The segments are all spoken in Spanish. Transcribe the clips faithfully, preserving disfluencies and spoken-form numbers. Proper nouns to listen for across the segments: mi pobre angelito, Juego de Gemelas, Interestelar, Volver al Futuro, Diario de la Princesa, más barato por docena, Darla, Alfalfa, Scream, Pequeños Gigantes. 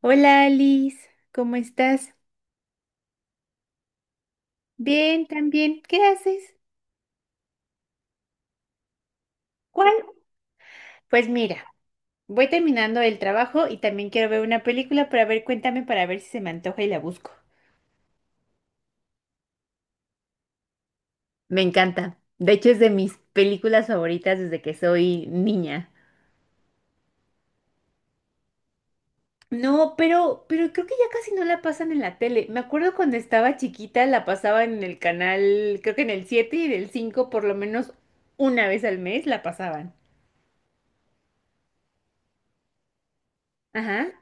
Hola Alice, ¿cómo estás? Bien, también. ¿Qué haces? ¿Cuál? Pues mira, voy terminando el trabajo y también quiero ver una película para ver, cuéntame para ver si se me antoja y la busco. Me encanta. De hecho, es de mis películas favoritas desde que soy niña. No, pero, pero creo que ya casi no la pasan en la tele. Me acuerdo cuando estaba chiquita la pasaban en el canal, creo que en el siete y en el cinco por lo menos una vez al mes la pasaban. Ajá.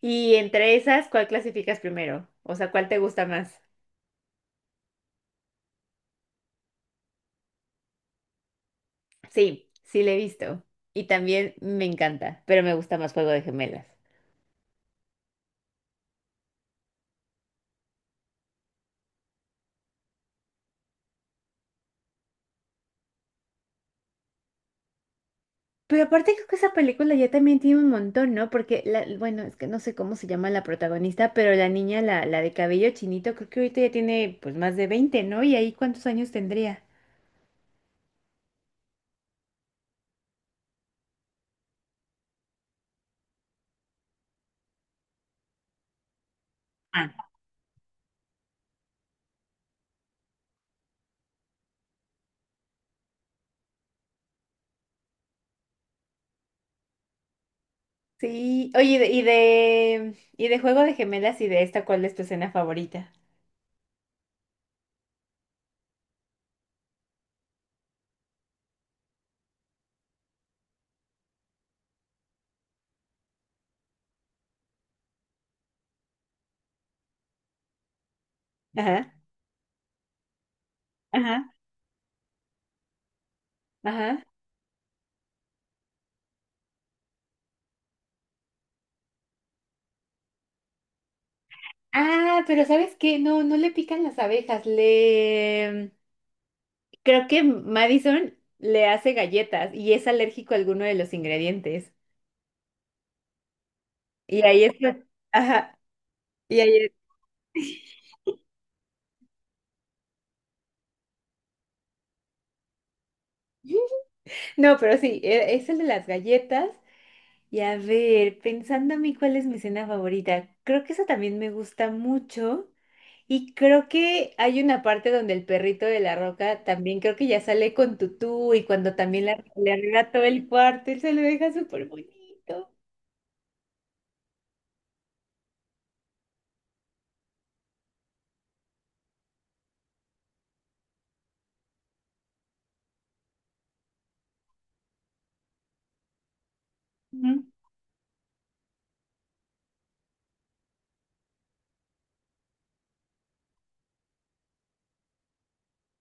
Y entre esas, ¿cuál clasificas primero? O sea, ¿cuál te gusta más? Sí, sí la he visto. Y también me encanta, pero me gusta más Juego de Gemelas. Pero aparte creo que esa película ya también tiene un montón, ¿no? Porque, la, bueno, es que no sé cómo se llama la protagonista, pero la niña, la, la de cabello chinito, creo que ahorita ya tiene pues más de veinte, ¿no? ¿Y ahí cuántos años tendría? Ah. Sí, oye, y de, y de, y de Juego de Gemelas y de esta, ¿cuál es tu escena favorita? Ajá, ajá, ajá. Ah, pero ¿sabes qué? No, no le pican las abejas, le... Creo que Madison le hace galletas y es alérgico a alguno de los ingredientes. Y ahí es... lo- Ajá. y ahí es- No, pero sí, e- es el de las galletas. Y a ver, pensando a mí cuál es mi cena favorita, creo que eso también me gusta mucho. Y creo que hay una parte donde el perrito de la roca también creo que ya sale con tutú y cuando también le, le arregla todo el cuarto, él se lo deja súper bonito. Ujú.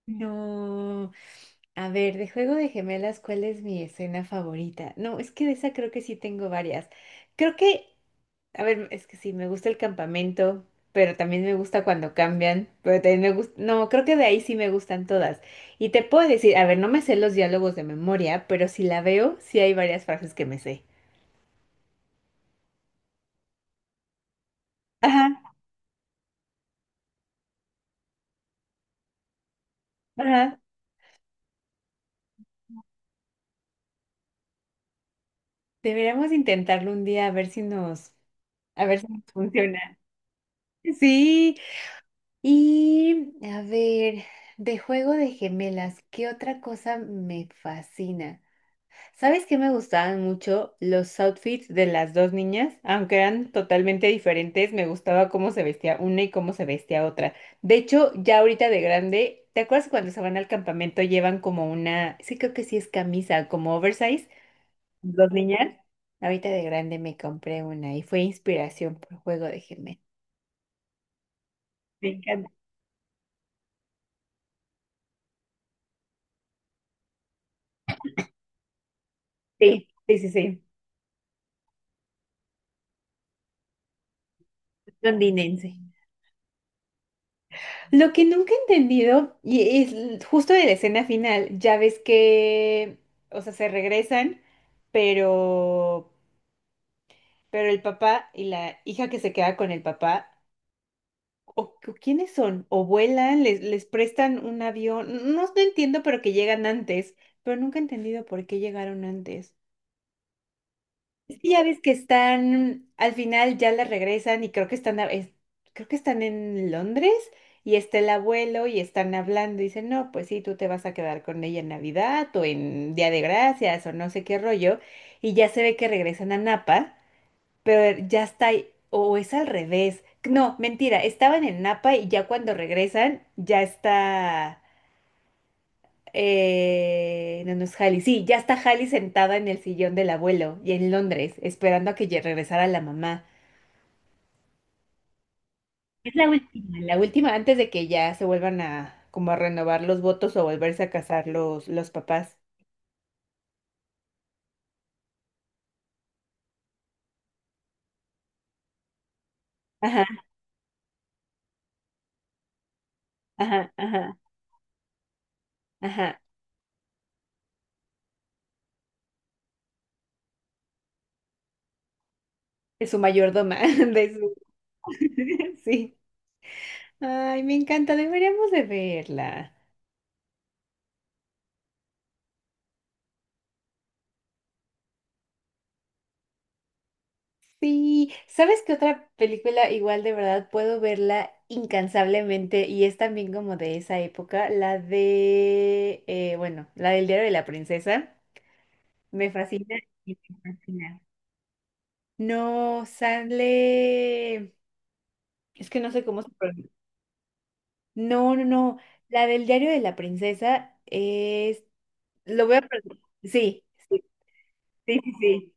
No. A ver, de Juego de Gemelas, ¿cuál es mi escena favorita? No, es que de esa creo que sí tengo varias. Creo que, a ver, es que sí, me gusta el campamento, pero también me gusta cuando cambian, pero también me gusta, no, creo que de ahí sí me gustan todas. Y te puedo decir, a ver, no me sé los diálogos de memoria, pero si la veo, sí hay varias frases que me sé. Ajá, ajá. Deberíamos intentarlo un día a ver si nos, a ver si nos funciona. Sí. Y a ver, de juego de gemelas, ¿qué otra cosa me fascina? ¿Sabes qué me gustaban mucho los outfits de las dos niñas? Aunque eran totalmente diferentes, me gustaba cómo se vestía una y cómo se vestía otra. De hecho, ya ahorita de grande, ¿te acuerdas cuando se van al campamento llevan como una, sí creo que sí es camisa, como oversize, las dos niñas? Ahorita de grande me compré una y fue inspiración por juego de gemelas. Me encanta. Sí, sí, sí, sí. Londinense. Lo que nunca he entendido, y es l- justo de la escena final, ya ves que, o sea, se regresan, pero, pero el papá y la hija que se queda con el papá, o, o ¿quiénes son? ¿O vuelan? ¿Les, les prestan un avión? No, no entiendo, pero que llegan antes, pero nunca he entendido por qué llegaron antes. Es que ya ves que están, al final ya la regresan y creo que están, a- es- creo que están en Londres y está el abuelo y están hablando y dicen, no, pues sí, tú te vas a quedar con ella en Navidad o en Día de Gracias o no sé qué rollo. Y ya se ve que regresan a Napa, pero ya está, ahí- o es al revés. No, mentira, estaban en Napa y ya cuando regresan ya está. Eh, no, no es Hallie. Sí, ya está Hallie sentada en el sillón del abuelo y en Londres, esperando a que ya regresara la mamá. La última, antes de que ya se vuelvan a como a renovar los votos o volverse a casar los, los papás. Ajá, ajá, ajá, ajá. Es su mayordoma de su. Sí. Ay, me encanta, deberíamos de verla. Sí, ¿sabes qué otra película igual de verdad puedo verla incansablemente y es también como de esa época? La de, eh, bueno, la del Diario de la Princesa. Me fascina y me fascina. No, sale... Es que no sé cómo se pronuncia. No, no, no. La del Diario de la Princesa es... Lo voy a... pro- Sí, sí, sí, sí, sí.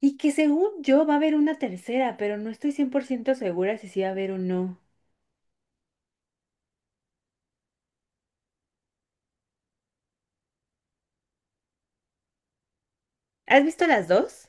Y que según yo va a haber una tercera, pero no estoy cien por ciento segura si sí va a haber o no. ¿Has visto las dos?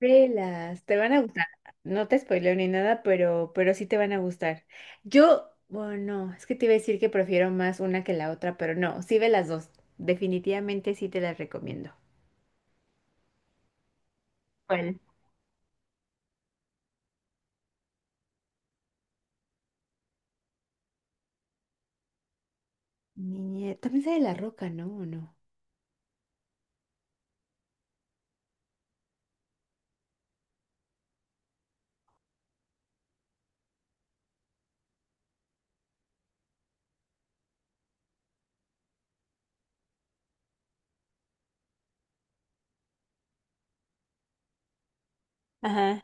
Velas, te van a gustar. No te spoileo ni nada, pero, pero sí te van a gustar. Yo, bueno, no, es que te iba a decir que prefiero más una que la otra, pero no, sí ve las dos. Definitivamente sí te las recomiendo. ¿Cuál? Niñe, también sale La Roca, ¿no? ¿O no? Ajá.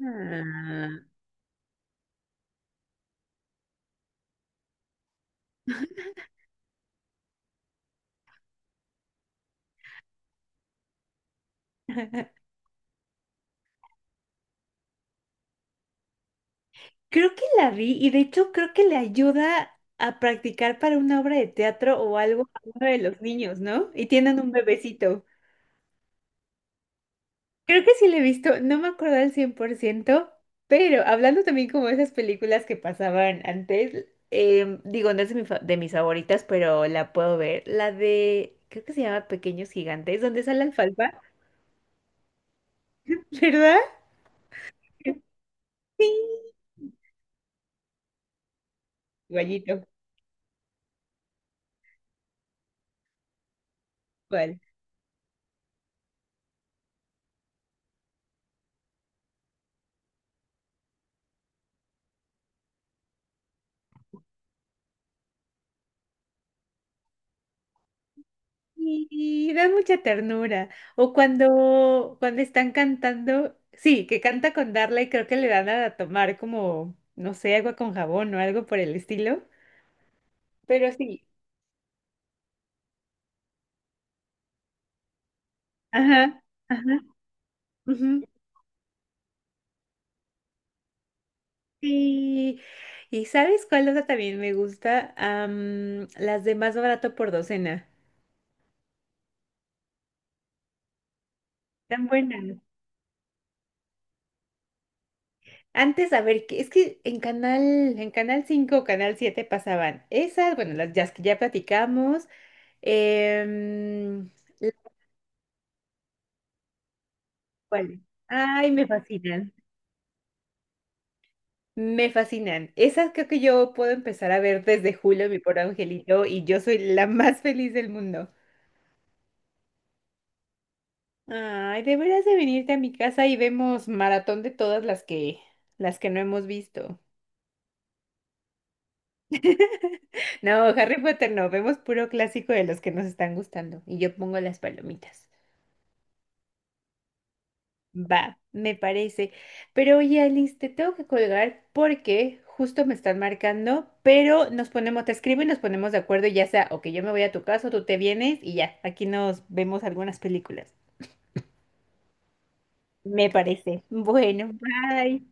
Ah. Creo que la vi y de hecho creo que le ayuda a practicar para una obra de teatro o algo a uno de los niños, ¿no? Y tienen un bebecito. Creo que sí la he visto, no me acuerdo al cien por ciento, pero hablando también como de esas películas que pasaban antes, em, digo, no es de, mi fa- de mis favoritas, pero la puedo ver, la de, creo que se llama Pequeños Gigantes, donde sale Alfalfa, ¿verdad? Sí. Igualito, igual. Y da mucha ternura. O cuando, cuando están cantando, sí, que canta con Darla y creo que le dan a tomar como, no sé, agua con jabón o algo por el estilo, pero sí. Ajá, ajá. Ujú. Sí, y ¿sabes cuál otra también me gusta? Am, las de más barato por docena. Tan buenas. Antes, a ver, que- es que en Canal, en Canal cinco o Canal siete pasaban esas, bueno, las ya que ya platicamos. em, ¿las cuales? Ay, me fascinan. Me fascinan. Esas creo que yo puedo empezar a ver desde julio, mi pobre angelito, y yo soy la más feliz del mundo. Ay, deberás de venirte a mi casa y vemos maratón de todas las que las que no hemos visto. No, Harry Potter no, vemos puro clásico de los que nos están gustando y yo pongo las palomitas. Va, me parece. Pero oye, Alice, te tengo que colgar porque justo me están marcando, pero nos ponemos, te escribo y nos ponemos de acuerdo, ya sea o que yo me voy a tu casa o tú te vienes y ya, aquí nos vemos algunas películas. Me parece. Bueno, bye.